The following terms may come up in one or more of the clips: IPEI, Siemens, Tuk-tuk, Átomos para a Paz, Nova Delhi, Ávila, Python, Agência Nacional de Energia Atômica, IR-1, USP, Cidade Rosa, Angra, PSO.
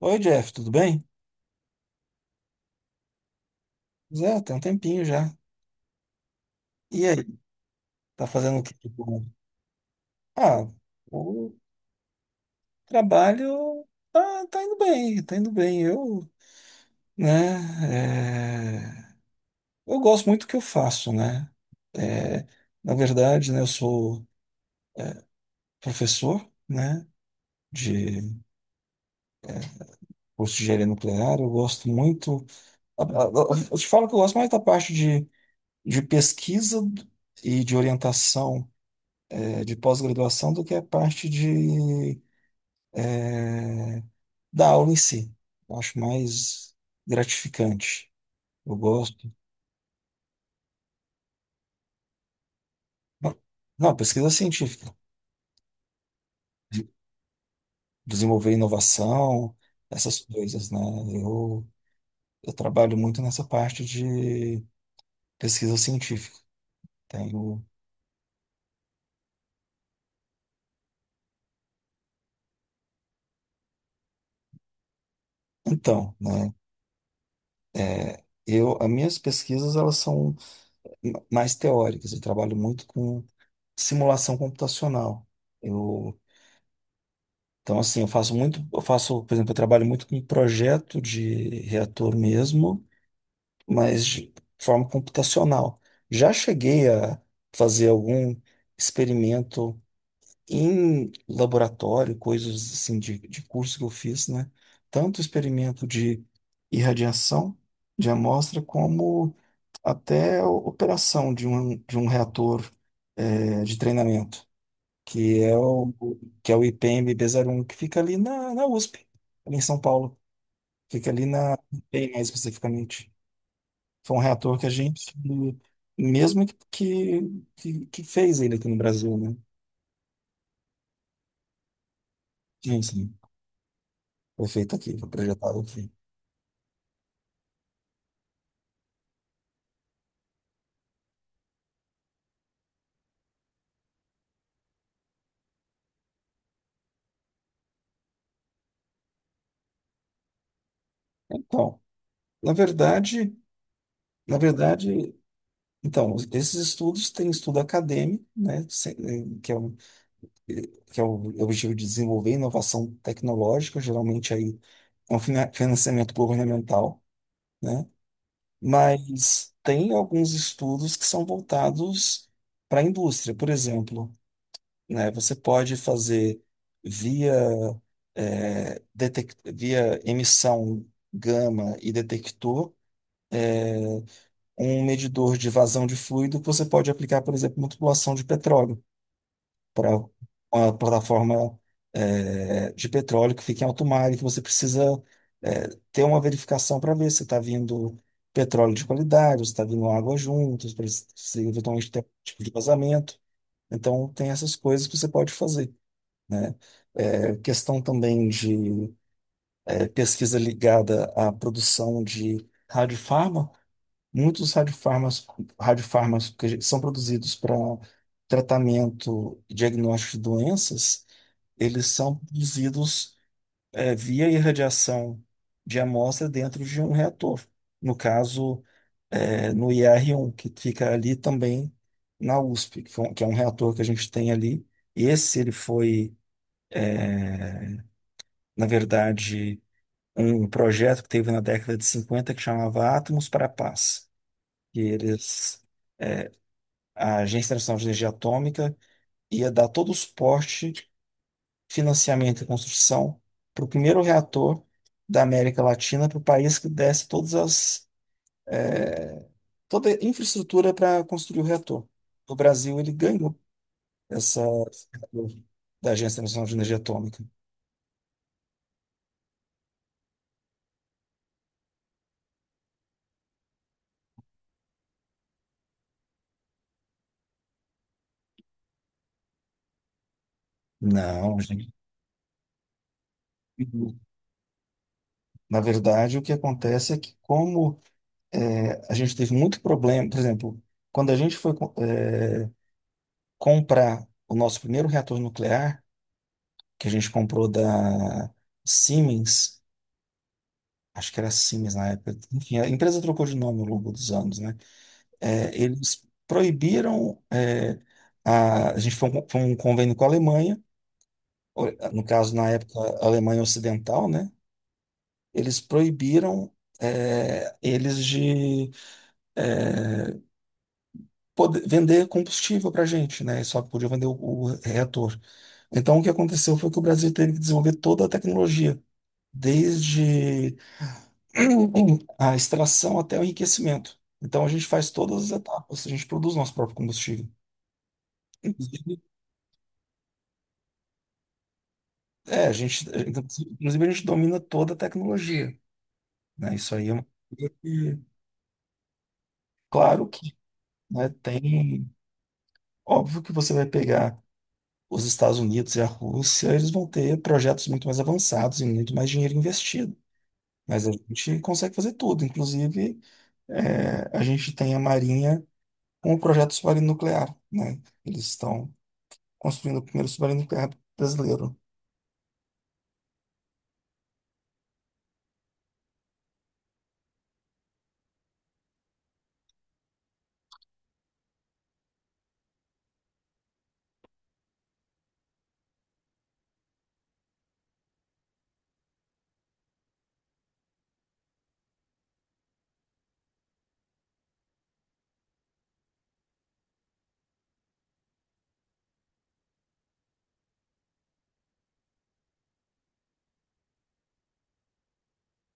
Oi, Jeff, tudo bem? Zé, tem um tempinho já. E aí, tá fazendo o que de bom? Ah, o trabalho tá indo bem, tá indo bem. Eu, né, é, eu gosto muito do que eu faço, né? É, Na verdade, né, eu sou professor, né, de curso de engenharia nuclear. Eu gosto muito. Eu te falo que eu gosto mais da parte de pesquisa e de orientação, de pós-graduação do que a parte de é, da aula em si. Eu acho mais gratificante. Eu gosto. Não, não, pesquisa científica. De- Desenvolver inovação, essas coisas, né? Eu, eu trabalho muito nessa parte de pesquisa científica. Tenho... Então, né? As minhas pesquisas, elas são mais teóricas. Eu trabalho muito com simulação computacional. Eu Então, assim, eu faço muito, eu faço, por exemplo, eu trabalho muito com projeto de reator mesmo, mas de forma computacional. Já cheguei a fazer algum experimento em laboratório, coisas assim de curso que eu fiz, né? Tanto experimento de irradiação de amostra, como até operação de um reator, de treinamento que é o, que é o ipmb um que fica ali na USP, ali em São Paulo. Fica ali na IPEI, mais especificamente. Foi um reator que a gente, mesmo que fez ele aqui no Brasil, né? Sim, sim. Foi feito aqui, foi projetado aqui. Então, na verdade, na verdade, então, esses estudos têm estudo acadêmico, né? Eh, que é o objetivo de desenvolver inovação tecnológica, geralmente aí é um financiamento governamental, né? Mas tem alguns estudos que são voltados para a indústria. Por exemplo, né, você pode fazer via, via emissão gama e detector é, um medidor de vazão de fluido que você pode aplicar, por exemplo, na tubulação de petróleo para uma plataforma de petróleo que fica em alto mar e que você precisa ter uma verificação para ver se está vindo petróleo de qualidade, se está vindo água juntos, para se eventualmente tem algum tipo de vazamento. Então, tem essas coisas que você pode fazer, né? Questão também de pesquisa ligada à produção de radiofarma. Muitos radiofarmas que são produzidos para tratamento e diagnóstico de doenças, eles são produzidos via irradiação de amostra dentro de um reator. No caso, no IR-1, que fica ali também na USP, que é um reator que a gente tem ali. Esse ele foi, na verdade, um projeto que teve na década de 50 que chamava Átomos para a Paz. E eles, a Agência Nacional de Energia Atômica ia dar todo o suporte, financiamento e construção para o primeiro reator da América Latina, para o país que desse toda a infraestrutura para construir o reator. O Brasil ele ganhou essa da Agência Nacional de Energia Atômica. Não, gente. Na verdade, o que acontece é que como a gente teve muito problema, por exemplo, quando a gente foi comprar o nosso primeiro reator nuclear, que a gente comprou da Siemens, acho que era Siemens na época. Enfim, a empresa trocou de nome ao longo dos anos, né? É, eles proibiram, a gente foi um convênio com a Alemanha, ou, no caso, na época, a Alemanha Ocidental, né? Eles proibiram, eles de é, poder, vender combustível para a gente, né? Só podia vender o reator. Então, o que aconteceu foi que o Brasil teve que desenvolver toda a tecnologia, desde a extração até o enriquecimento. Então a gente faz todas as etapas, a gente produz nosso próprio combustível. Inclusive, É, a gente, Inclusive a gente domina toda a tecnologia, né? Isso aí é uma coisa que, claro que, né, óbvio que você vai pegar os Estados Unidos e a Rússia, eles vão ter projetos muito mais avançados e muito mais dinheiro investido. Mas a gente consegue fazer tudo, inclusive a gente tem a Marinha com o projeto submarino nuclear, né? Eles estão construindo o primeiro submarino nuclear brasileiro.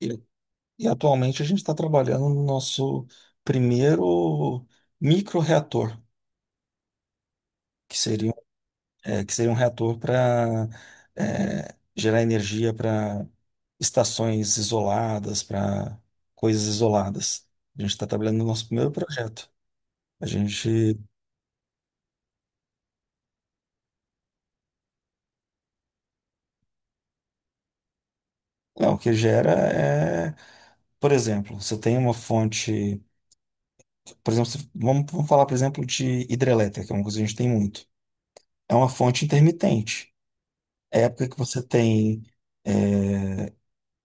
E, e atualmente a gente está trabalhando no nosso primeiro microreator, que seria, que seria um reator para gerar energia para estações isoladas, para coisas isoladas. A gente está trabalhando no nosso primeiro projeto. A gente, não, o que gera é, por exemplo, você tem uma fonte, por exemplo, vamos falar, por exemplo, de hidrelétrica, que é uma coisa que a gente tem muito. É uma fonte intermitente. Época que você tem é,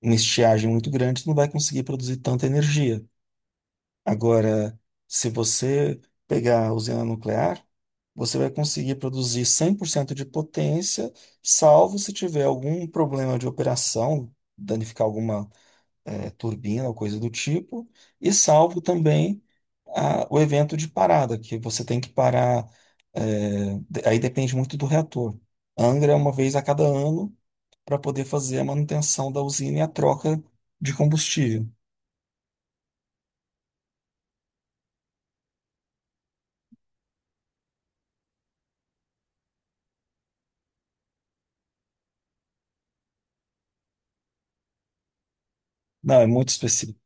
uma estiagem muito grande, você não vai conseguir produzir tanta energia. Agora, se você pegar a usina nuclear, você vai conseguir produzir 100% de potência, salvo se tiver algum problema de operação, danificar alguma turbina ou coisa do tipo, e salvo também o evento de parada, que você tem que parar. Aí depende muito do reator. Angra é uma vez a cada ano para poder fazer a manutenção da usina e a troca de combustível. Não, é muito específico.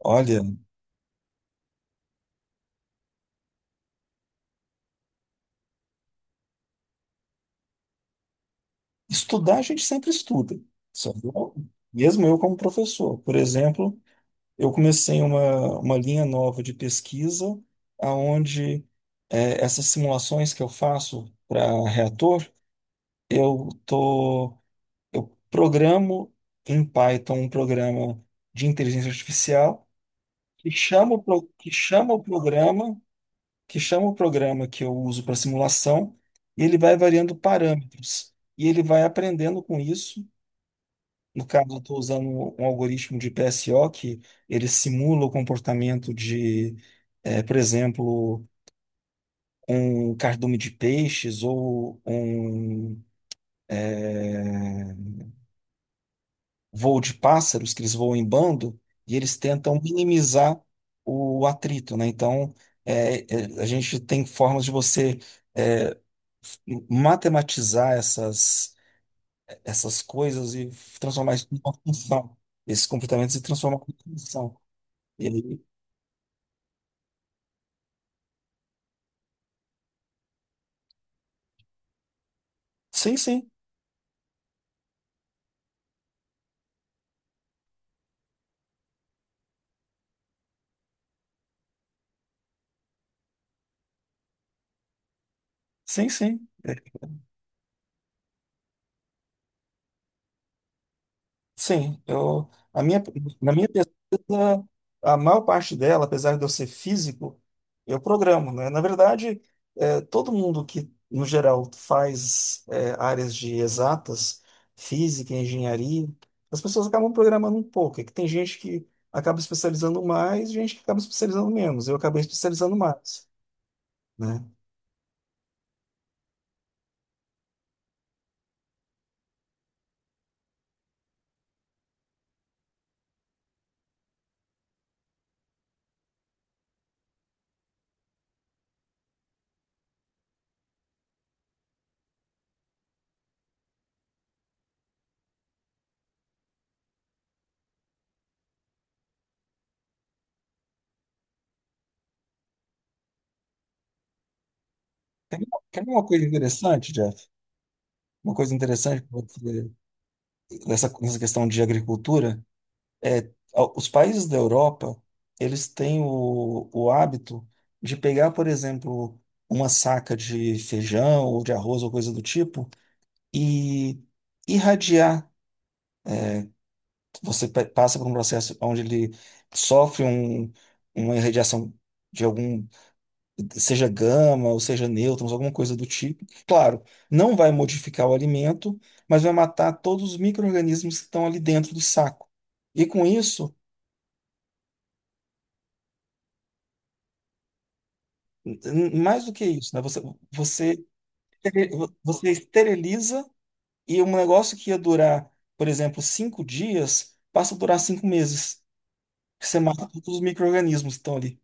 Olha, estudar a gente sempre estuda, só que mesmo eu como professor. Por exemplo, eu comecei uma linha nova de pesquisa, aonde essas simulações que eu faço para reator, eu tô, eu programo em Python um programa de inteligência artificial que chama o programa, que eu uso para simulação, e ele vai variando parâmetros. E ele vai aprendendo com isso. No caso, eu estou usando um algoritmo de PSO que ele simula o comportamento de, por exemplo, um cardume de peixes ou um eh, voo de pássaros, que eles voam em bando, e eles tentam minimizar o atrito, né? Então, a gente tem formas de você eh, matematizar essas coisas e transformar isso numa função, esses comportamentos e transformar em função. Sim, sim, sim, sim, sim. Na minha pesquisa, a maior parte dela, apesar de eu ser físico, eu programo, né? Na verdade, todo mundo que, no geral, faz, áreas de exatas, física, engenharia, as pessoas acabam programando um pouco. É que tem gente que acaba especializando mais, gente que acaba especializando menos. Eu acabei especializando mais, né? Tem, tem uma coisa interessante, Jeff? Uma coisa interessante nessa questão de agricultura. é, os países da Europa, eles têm o hábito de pegar, por exemplo, uma saca de feijão ou de arroz ou coisa do tipo e irradiar. Você passa por um processo onde ele sofre uma irradiação de algum, seja gama ou seja nêutrons, alguma coisa do tipo. Claro, não vai modificar o alimento, mas vai matar todos os micro-organismos que estão ali dentro do saco. E com isso, mais do que isso, né? Você, estere- você esteriliza e um negócio que ia durar, por exemplo, 5 dias, passa a durar 5 meses. Você mata todos os micro-organismos que estão ali.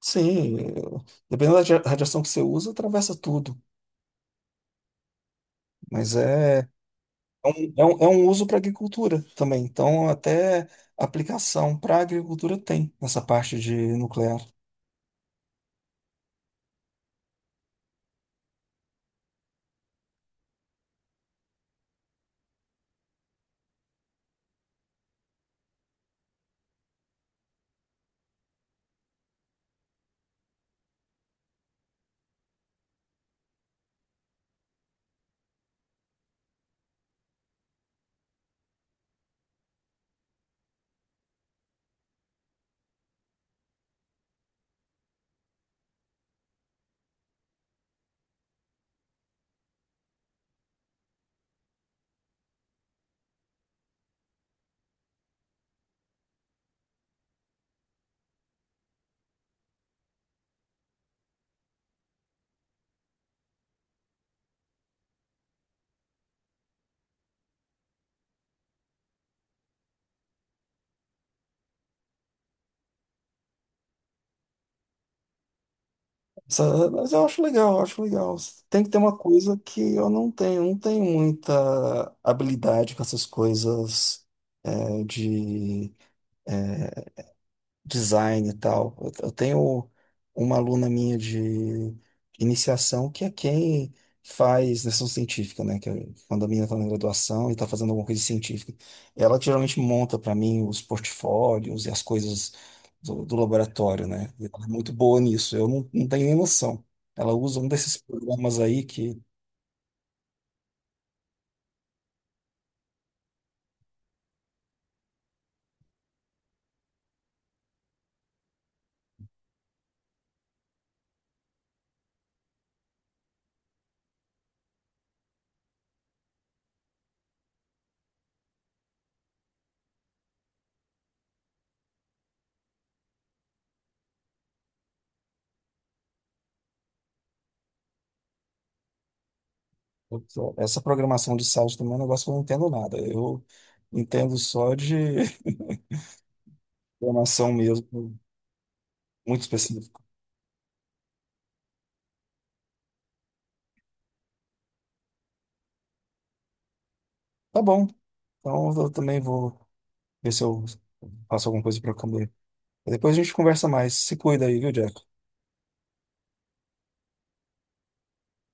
Sim, dependendo da radiação que você usa, atravessa tudo. Mas é um uso para agricultura também. Então, até aplicação para agricultura tem nessa parte de nuclear. Mas eu acho legal, eu acho legal. Tem que ter uma coisa que eu não tenho, muita habilidade com essas coisas de design e tal. Eu tenho uma aluna minha de iniciação que é quem faz iniciação científica, né? Que é quando a menina está na graduação e está fazendo alguma coisa científica, ela que geralmente monta para mim os portfólios e as coisas do laboratório, né? E ela é muito boa nisso. Eu não, não tenho nem noção. Ela usa um desses programas aí que Essa programação de site também é um negócio que eu não entendo nada. Eu entendo só de programação mesmo, muito específico. Tá bom. Então eu também vou ver se eu faço alguma coisa pra comer. Depois a gente conversa mais. Se cuida aí, viu, Jack?